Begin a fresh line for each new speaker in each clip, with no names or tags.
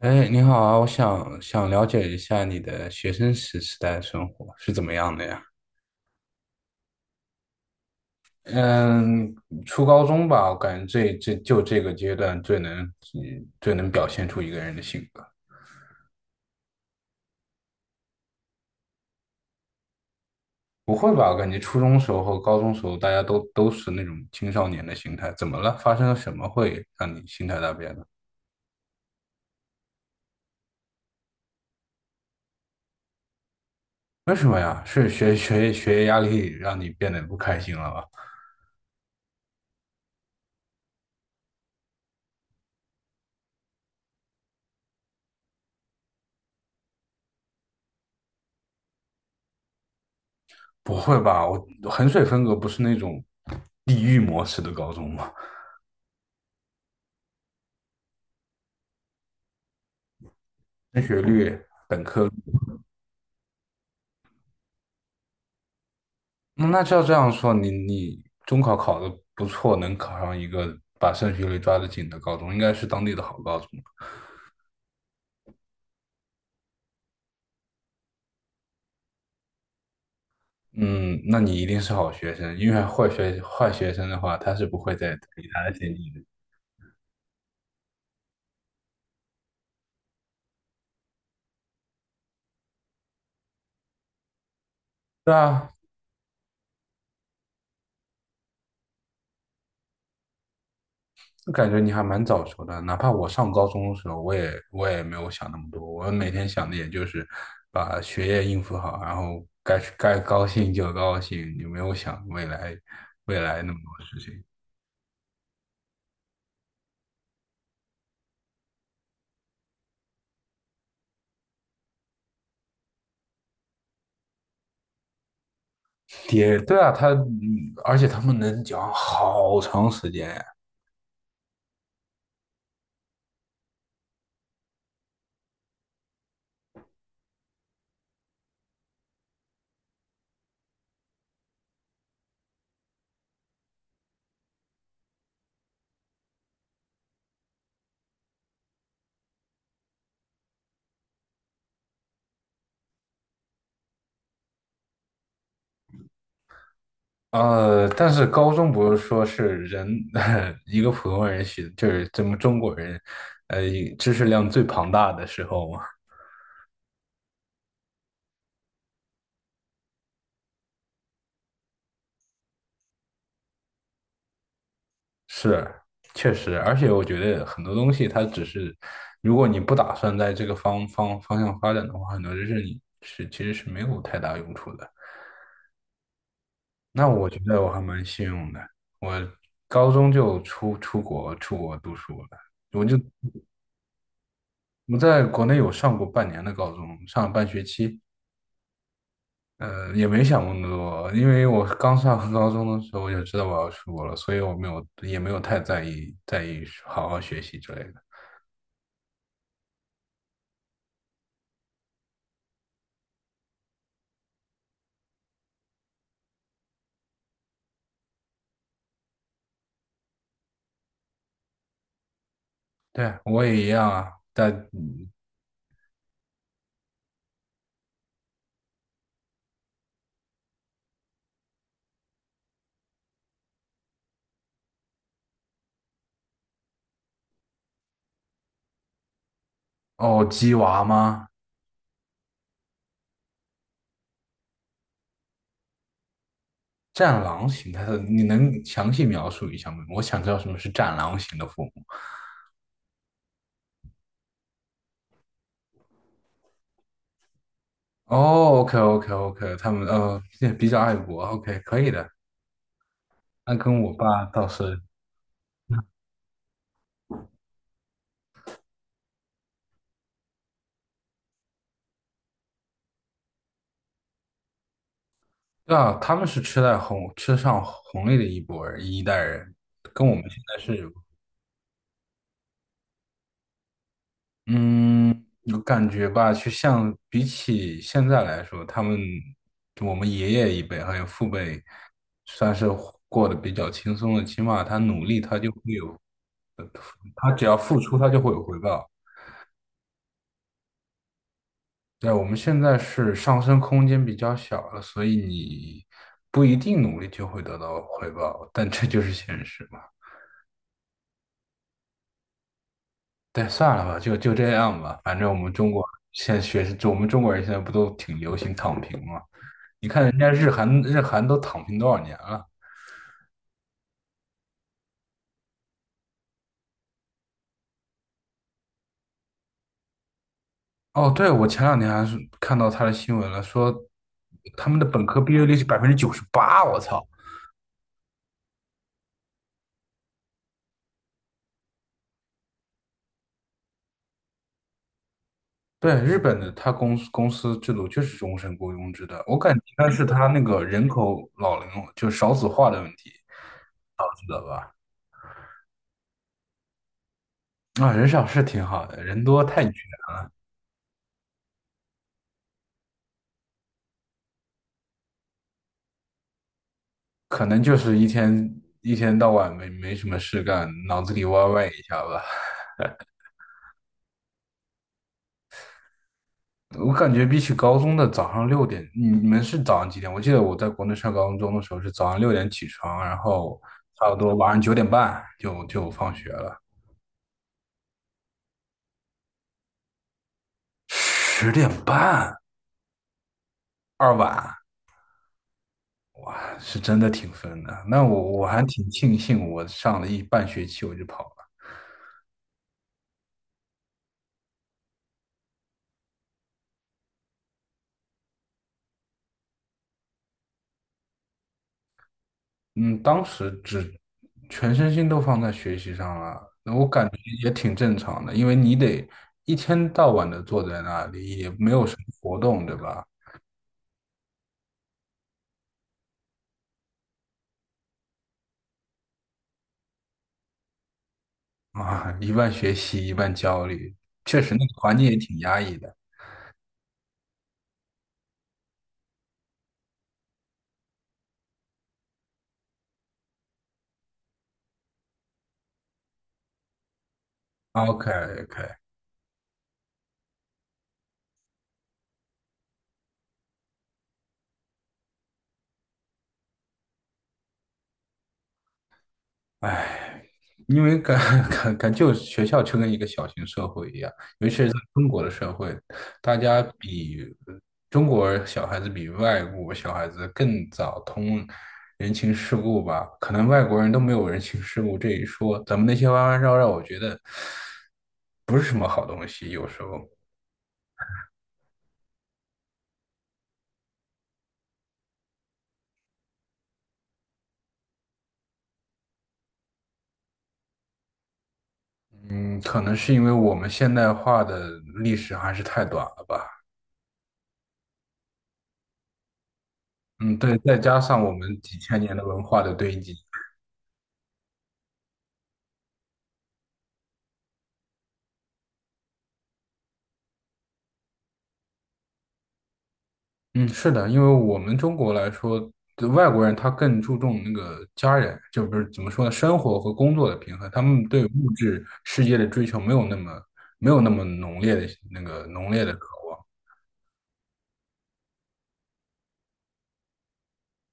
哎，你好啊，我想了解一下你的学生时代生活是怎么样的呀？嗯，初高中吧，我感觉这就这个阶段最能表现出一个人的性格。不会吧？我感觉初中时候和高中时候大家都是那种青少年的心态，怎么了？发生了什么会让你心态大变呢？为什么呀？是学业压力让你变得不开心了吗？不会吧？我衡水分隔不是那种地狱模式的高中吗？升学率。那照这样说，你中考考得不错，能考上一个把升学率抓得紧的高中，应该是当地的好高中。嗯，那你一定是好学生，因为坏学生的话，他是不会再理他的建议的。对啊，就感觉你还蛮早熟的。哪怕我上高中的时候，我也没有想那么多，我每天想的也就是把学业应付好，然后该高兴就高兴，也没有想未来那么多事情。也对啊，他，而且他们能讲好长时间呀。呃，但是高中不是说是人，一个普通人学，就是咱们中国人，呃，知识量最庞大的时候嘛。是，确实，而且我觉得很多东西它只是，如果你不打算在这个方向发展的话，很多知识你其实是没有太大用处的。那我觉得我还蛮幸运的，我高中就出国读书了。我就我在国内有上过半年的高中，上了半学期，也没想过那么多，因为我刚上高中的时候我就知道我要出国了，所以我没有也没有太在意好好学习之类的。对，我也一样啊，但哦，鸡娃吗？战狼型，它是？你能详细描述一下吗？我想知道什么是战狼型的父母。哦，OK OK OK,他们比较爱国，OK 可以的，那跟我爸倒是对啊，他们是吃上红利的一代人，跟我们现在是，嗯，有感觉吧？去像比起现在来说，他们就我们爷爷一辈还有父辈，算是过得比较轻松的，起码他努力，他就会有，他只要付出，他就会有回报。对，我们现在是上升空间比较小了，所以你不一定努力就会得到回报，但这就是现实嘛。对，算了吧，就这样吧。反正我们中国现在学，就我们中国人现在不都挺流行躺平吗？你看人家日韩，日韩都躺平多少年了？哦，对，我前两天还是看到他的新闻了，说他们的本科毕业率是98%，我操！对，日本的他公司制度就是终身雇佣制的，我感觉应该是他那个人口老龄就少子化的问题，知道吧？啊，人少是挺好的，人多太远可能就是一天到晚没什么事干，脑子里歪歪一下吧。我感觉比起高中的早上六点，你们是早上几点？我记得我在国内上高中的时候是早上六点起床，然后差不多晚上9点半就放学了，10点半二晚，哇，是真的挺疯的。那我还挺庆幸，我上了一半学期我就跑了。嗯，当时只全身心都放在学习上了，那我感觉也挺正常的，因为你得一天到晚的坐在那里，也没有什么活动，对吧？啊，一半学习，一半焦虑，确实那个环境也挺压抑的。OK，OK，唉，因为感觉学校就跟一个小型社会一样，尤其是在中国的社会，大家比中国小孩子比外国小孩子更早通人情世故吧？可能外国人都没有人情世故这一说，咱们那些弯弯绕绕，我觉得不是什么好东西。有时候，嗯，可能是因为我们现代化的历史还是太短了吧？嗯，对，再加上我们几千年的文化的堆积。嗯，是的，因为我们中国来说，对外国人他更注重那个家人，就不是怎么说呢，生活和工作的平衡，他们对物质世界的追求没有那么浓烈的渴望，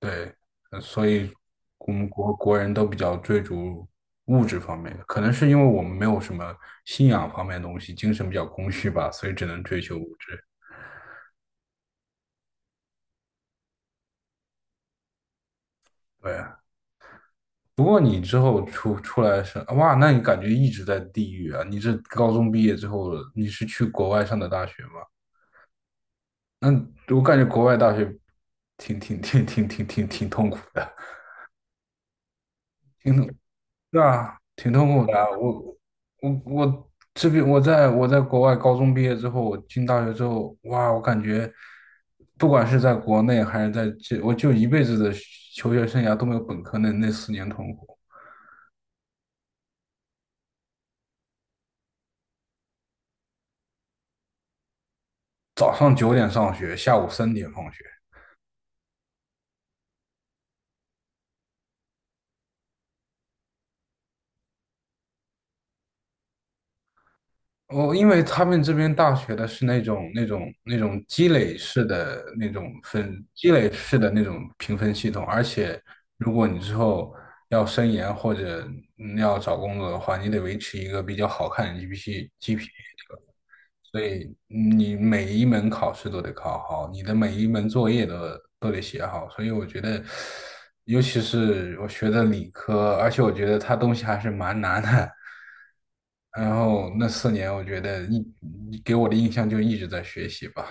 对，所以我们国人都比较追逐物质方面的，可能是因为我们没有什么信仰方面的东西，精神比较空虚吧，所以只能追求物质，对啊。不过你之后出来是，哇，那你感觉一直在地狱啊？你这高中毕业之后，你是去国外上的大学吗？那我感觉国外大学挺痛苦的，挺痛，对啊，挺痛苦的啊。我我这边我在国外高中毕业之后，我进大学之后，哇，我感觉不管是在国内还是在这，我就一辈子的求学生涯都没有本科那四年痛苦。早上九点上学，下午3点放学。哦，因为他们这边大学的是那种积累式的那种评分系统，而且如果你之后要升研或者要找工作的话，你得维持一个比较好看的 g p A，所以你每一门考试都得考好，你的每一门作业都得写好，所以我觉得，尤其是我学的理科，而且我觉得它东西还是蛮难的。然后那四年，我觉得给我的印象就一直在学习吧。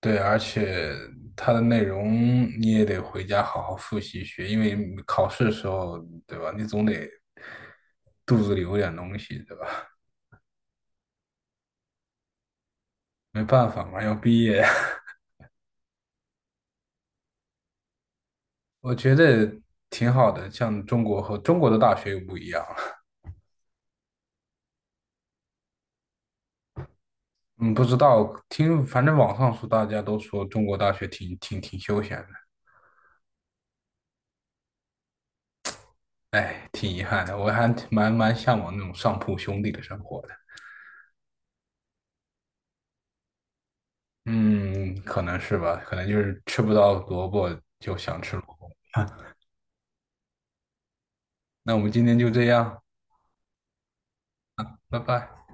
对，而且它的内容你也得回家好好复习学，因为考试的时候，对吧？你总得肚子里有点东西，对吧？没办法嘛，要毕业。我觉得挺好的，像中国和中国的大学又不一样了。嗯，不知道，听反正网上说大家都说中国大学挺休闲的，哎，挺遗憾的。我还蛮向往那种上铺兄弟的生活的。嗯，可能是吧，可能就是吃不到萝卜就想吃萝卜。那我们今天就这样，拜拜。